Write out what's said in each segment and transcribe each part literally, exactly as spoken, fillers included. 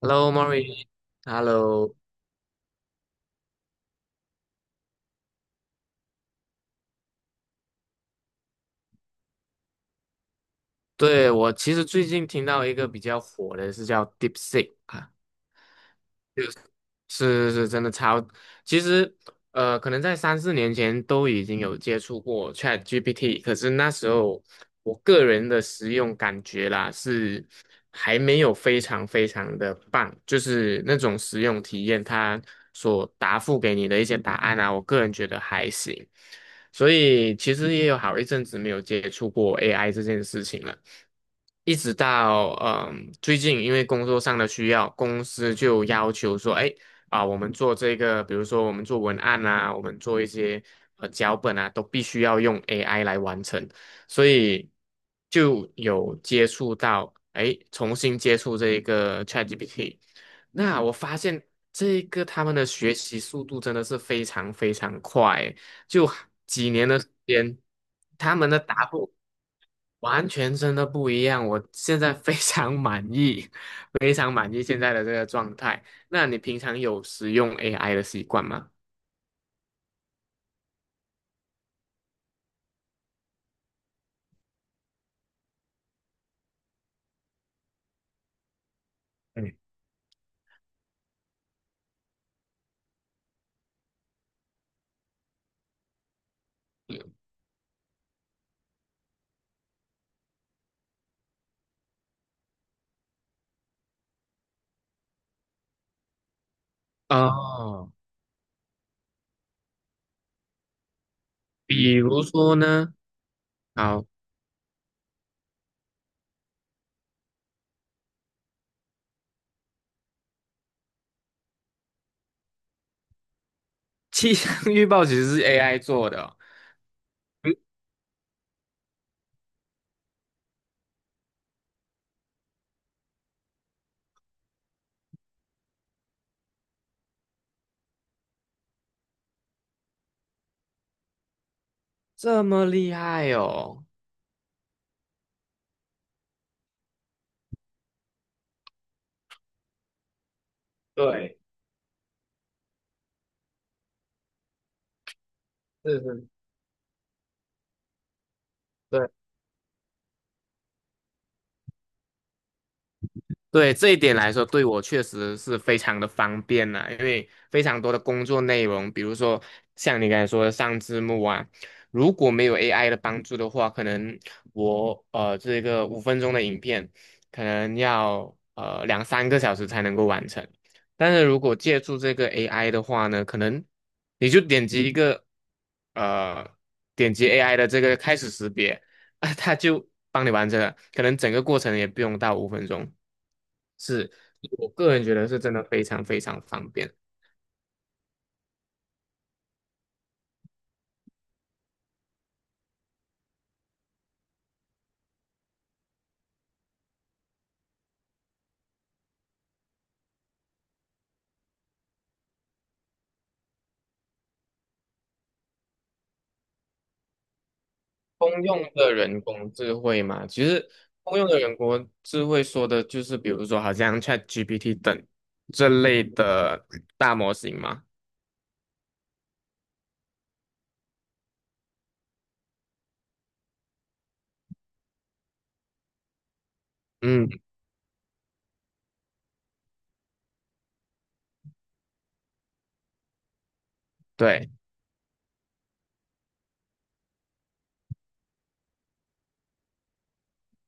Hello, m o r i. Hello.对，我其实最近听到一个比较火的是叫 DeepSeek,啊，是是真的超。其实呃，可能在三四年前都已经有接触过 ChatGPT,可是那时候我个人的使用感觉啦，是还没有非常非常的棒，就是那种使用体验，它所答复给你的一些答案啊，我个人觉得还行，所以其实也有好一阵子没有接触过 A I 这件事情了。一直到嗯最近，因为工作上的需要，公司就要求说，哎。啊、我们做这个，比如说我们做文案啊，我们做一些呃脚本啊，都必须要用 A I 来完成，所以就有接触到，哎，重新接触这一个 ChatGPT。那我发现这个他们的学习速度真的是非常非常快，就几年的时间，他们的答复完全真的不一样。我现在非常满意，非常满意现在的这个状态。那你平常有使用 A I 的习惯吗？嗯。哦。比如说呢？好。气象预报其实是 A I 做的？哦，嗯，这么厉害哦。对。是是。对。对这一点来说，对我确实是非常的方便啦，因为非常多的工作内容，比如说像你刚才说的上字幕啊，如果没有 A I 的帮助的话，可能我呃这个五分钟的影片，可能要呃两三个小时才能够完成。但是如果借助这个 A I 的话呢，可能你就点击一个呃点击 A I 的这个开始识别。啊，他就帮你完成了，可能整个过程也不用到五分钟。是，我个人觉得是真的非常非常方便。通用的人工智慧嘛，其实通用的人工智慧说的就是，比如说好像 ChatGPT 等这类的大模型嘛。嗯。对。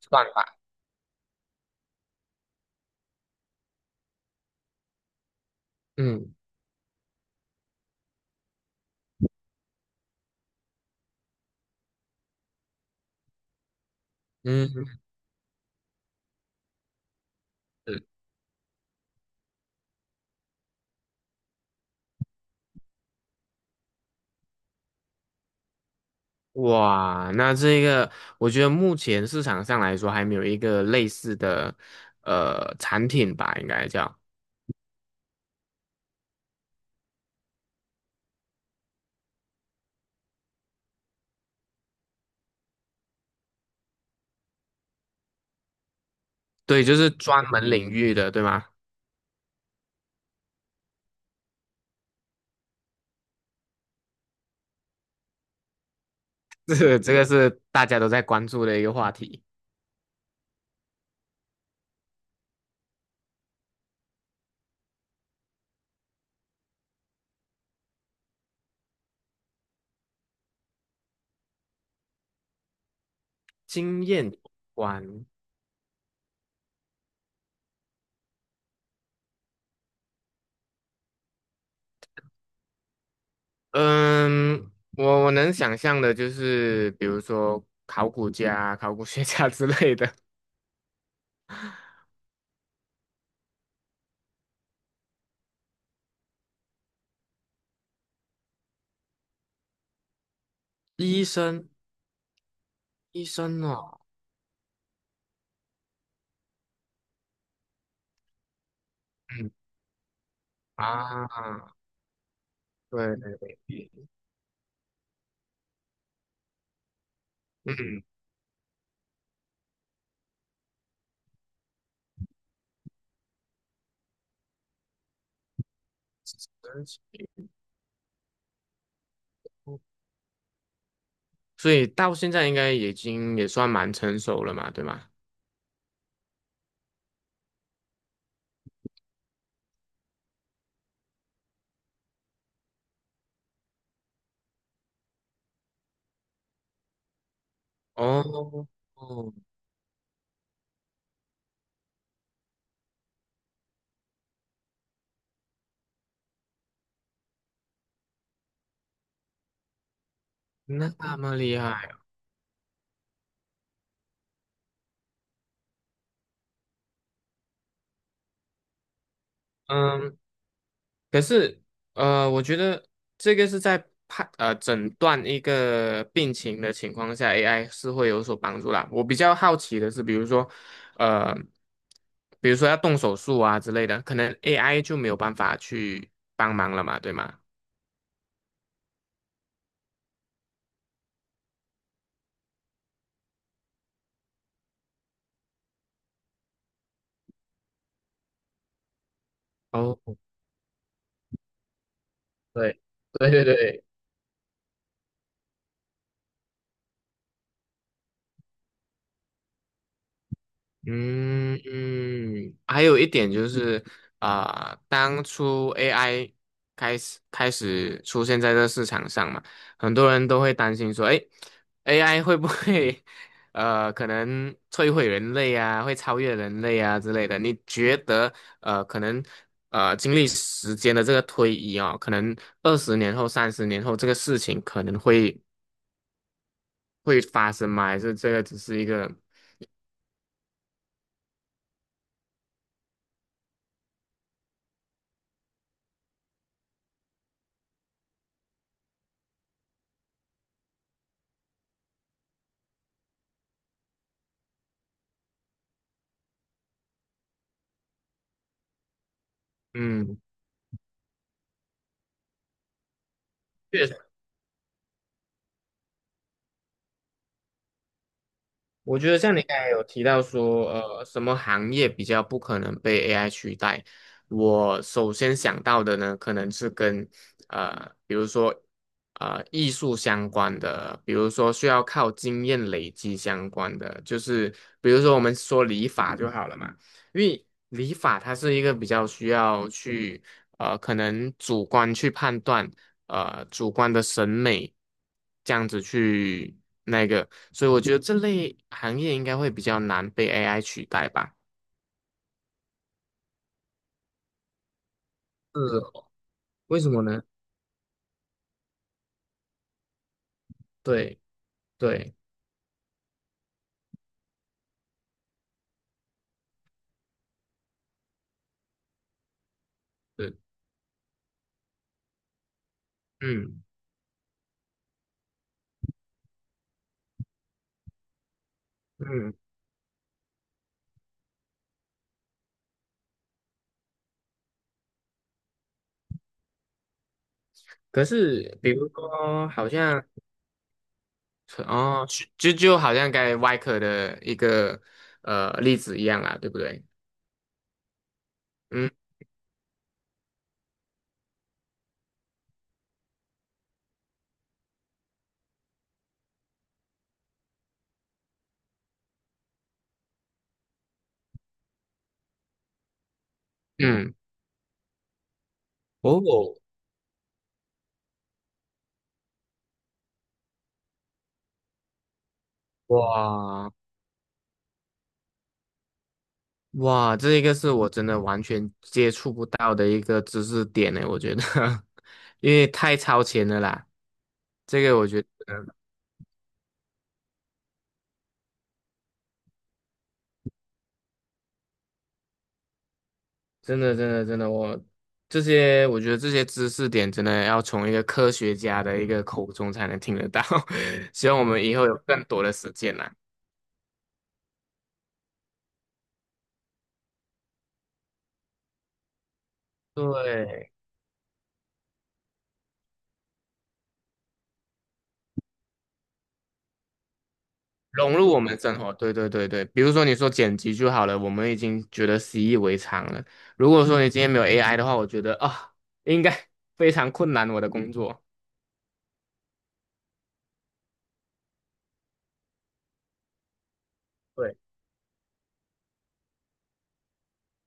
算法。嗯嗯。嗯。是。哇，那这个我觉得目前市场上来说还没有一个类似的呃产品吧，应该叫。对，就是专门领域的，对吗？这个这个是大家都在关注的一个话题。经验有关。嗯，我我能想象的就是，比如说考古家、考古学家 之类的。医生。医生哦。嗯。啊。对对对。嗯。真是。所以到现在应该已经也算蛮成熟了嘛，对吗？哦。哦。那么厉害。嗯。可是，呃，我觉得这个是在判呃诊断一个病情的情况下，A I 是会有所帮助啦。我比较好奇的是，比如说，呃，比如说要动手术啊之类的，可能 A I 就没有办法去帮忙了嘛，对吗？哦。对。对对对。嗯嗯。还有一点就是，啊、当初 A I 开始开始出现在这市场上嘛，很多人都会担心说，哎，A I 会不会呃可能摧毁人类啊，会超越人类啊之类的？你觉得呃可能呃经历时间的这个推移哦，可能二十年后、三十年后这个事情可能会会发生吗？还是这个只是一个，嗯？我觉得像你刚才有提到说，呃，什么行业比较不可能被 A I 取代？我首先想到的呢，可能是跟呃，比如说呃艺术相关的，比如说需要靠经验累积相关的，就是比如说我们说理发就好了嘛。因为理发它是一个比较需要去呃，可能主观去判断。呃主观的审美这样子去那个，所以我觉得这类行业应该会比较难被 A I 取代吧。是哦，为什么呢？对对。对。嗯嗯。可是比如说，好像，哦，就就好像刚才外科的一个呃例子一样啦，对不对？嗯嗯。哦。哇。哇，这一个是我真的完全接触不到的一个知识点呢，我觉得，因为太超前了啦。这个我觉得。真的真的真的，我，这些，我觉得这些知识点真的要从一个科学家的一个口中才能听得到，希望我们以后有更多的时间啦。对。融入我们的生活，对对对对，比如说你说剪辑就好了，我们已经觉得习以为常了。如果说你今天没有 A I 的话，我觉得啊、应该 非常困难我的工作。对。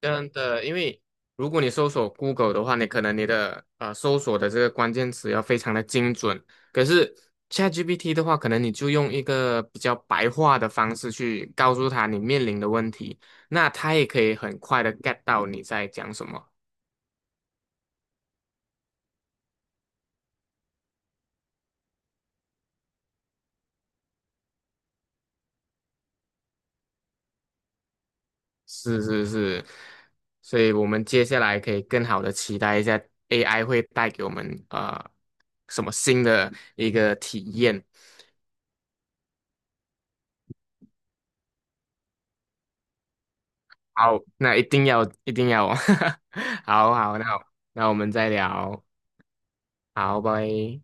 真的，因为如果你搜索 Google 的话，你可能你的呃搜索的这个关键词要非常的精准，可是 ChatGPT 的话，可能你就用一个比较白话的方式去告诉他你面临的问题，那他也可以很快的 get 到你在讲什么。是是是，所以我们接下来可以更好的期待一下 A I 会带给我们呃什么新的一个体验。好，那一定要一定要哦，好好，那好，那我们再聊，好，拜。